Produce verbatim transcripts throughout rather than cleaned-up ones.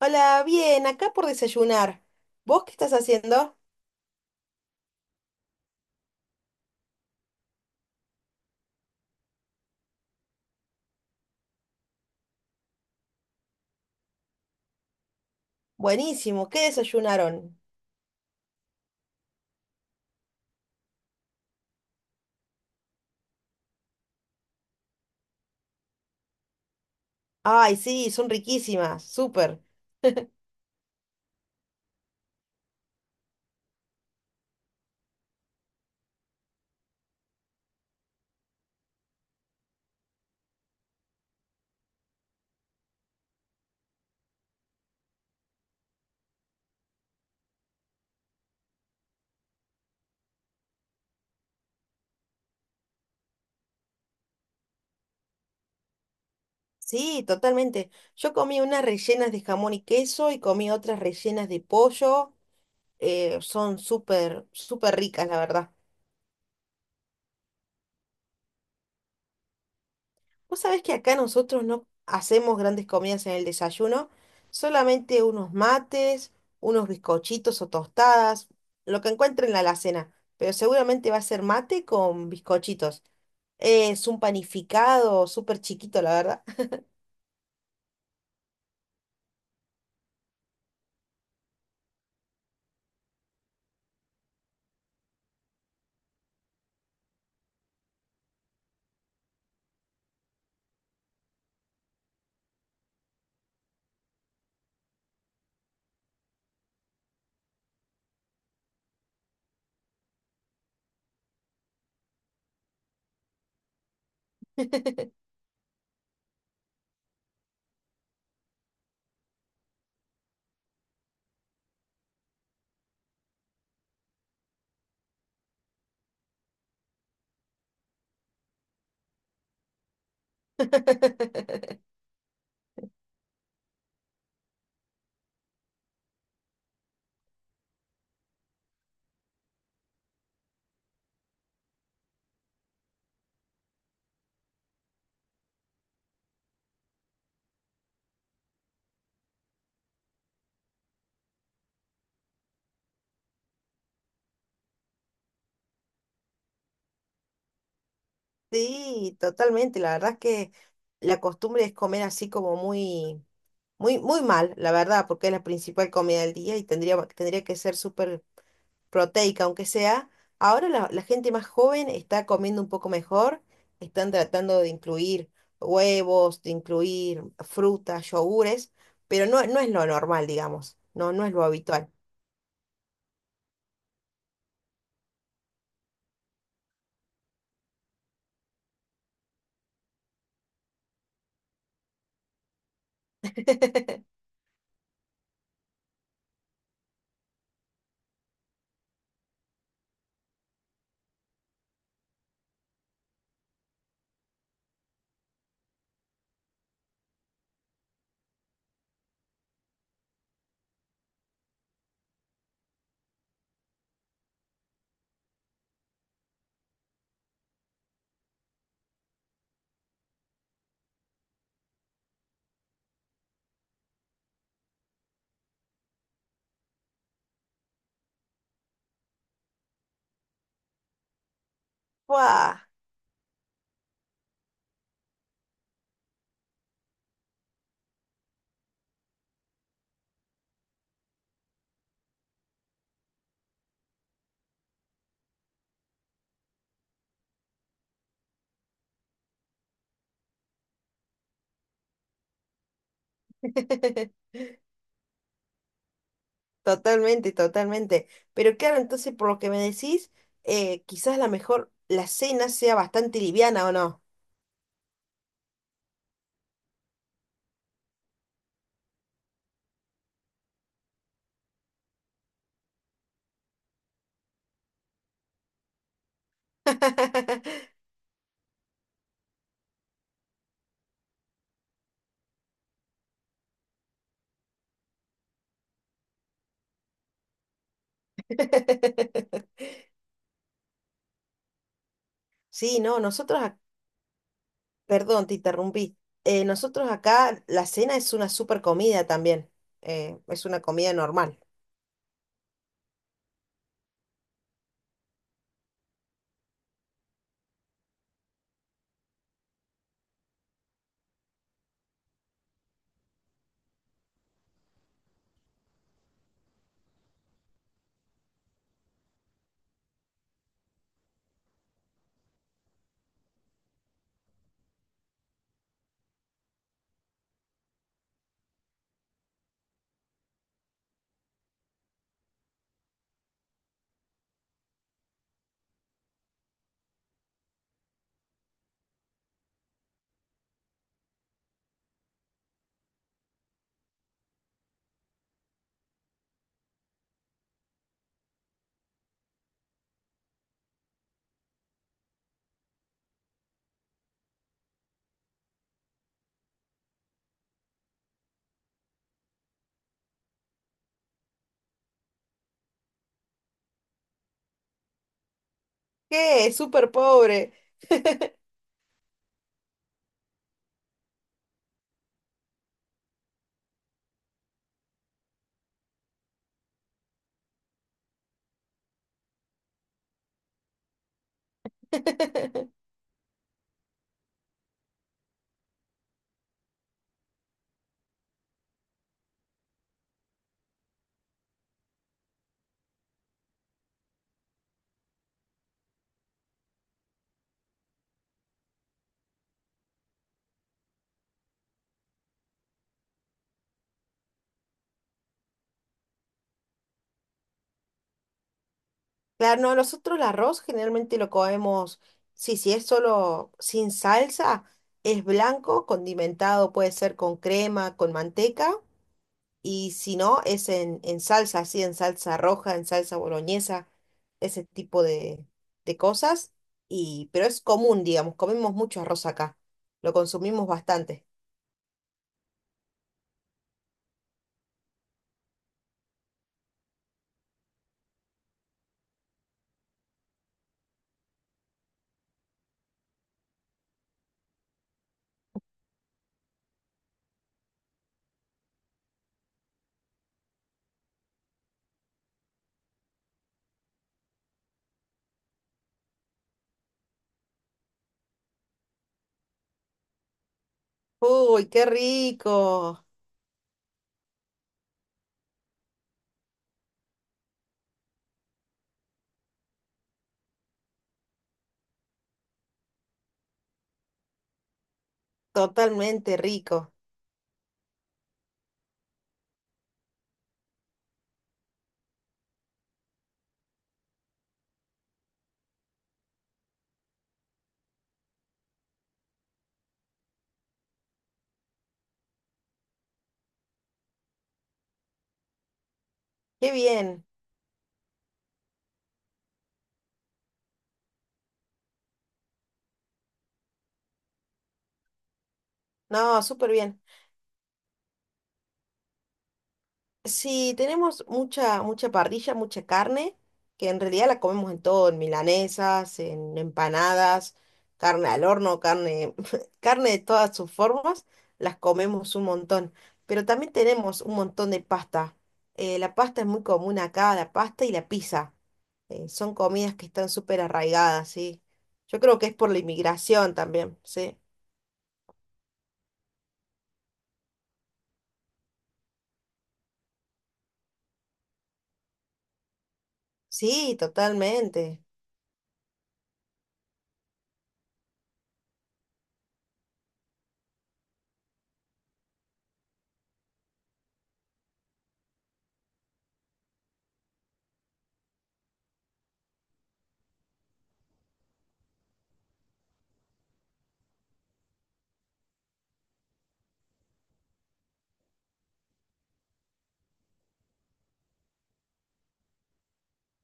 Hola, bien, acá por desayunar. ¿Vos qué estás haciendo? Buenísimo, ¿qué desayunaron? Ay, sí, son riquísimas, súper. Sí, totalmente. Yo comí unas rellenas de jamón y queso y comí otras rellenas de pollo. Eh, son súper, súper ricas, la verdad. Vos sabés que acá nosotros no hacemos grandes comidas en el desayuno, solamente unos mates, unos bizcochitos o tostadas, lo que encuentren en la alacena. Pero seguramente va a ser mate con bizcochitos. Es un panificado súper chiquito, la verdad. Sí, totalmente. La verdad es que la costumbre es comer así como muy, muy, muy mal, la verdad, porque es la principal comida del día y tendría, tendría que ser súper proteica, aunque sea. Ahora la, la gente más joven está comiendo un poco mejor, están tratando de incluir huevos, de incluir frutas, yogures, pero no, no es lo normal, digamos. No, no es lo habitual. ¡Buah! Totalmente, totalmente. Pero claro, entonces por lo que me decís, eh, quizás la mejor, la cena sea bastante liviana, ¿o no? Sí, no, nosotros, ac- perdón, te interrumpí. Eh, nosotros acá la cena es una super comida también. Eh, es una comida normal. ¿Qué? Súper pobre. Claro, no, nosotros el arroz generalmente lo comemos, sí, si es solo sin salsa, es blanco, condimentado, puede ser con crema, con manteca, y si no, es en, en salsa, así en salsa roja, en salsa boloñesa, ese tipo de, de cosas, y, pero es común, digamos, comemos mucho arroz acá, lo consumimos bastante. Uy, qué rico, totalmente rico, qué bien, no, súper bien. Sí, tenemos mucha, mucha parrilla, mucha carne, que en realidad la comemos en todo, en milanesas, en empanadas, carne al horno, carne, carne de todas sus formas, las comemos un montón. Pero también tenemos un montón de pasta. Eh, la pasta es muy común acá, la pasta y la pizza. Eh, son comidas que están súper arraigadas, sí. Yo creo que es por la inmigración también, sí. Sí, totalmente.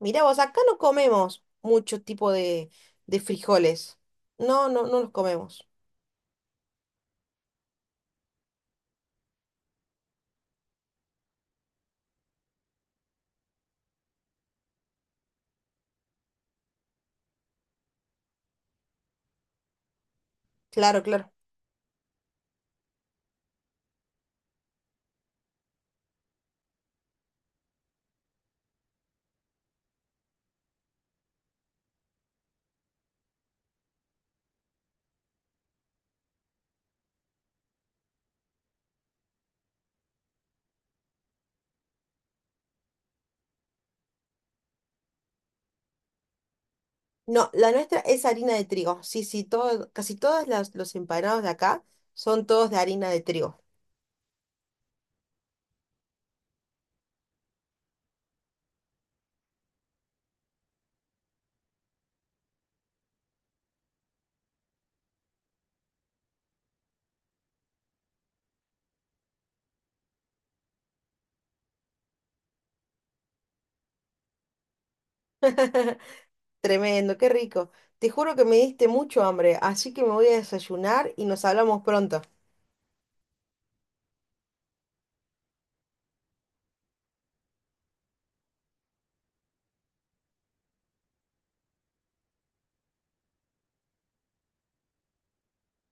Mirá vos, acá no comemos mucho tipo de, de frijoles. No, no, no los comemos. Claro, claro. No, la nuestra es harina de trigo. Sí, sí, todo, casi todos las- los empanados de acá son todos de harina de trigo. Tremendo, qué rico. Te juro que me diste mucho hambre, así que me voy a desayunar y nos hablamos pronto.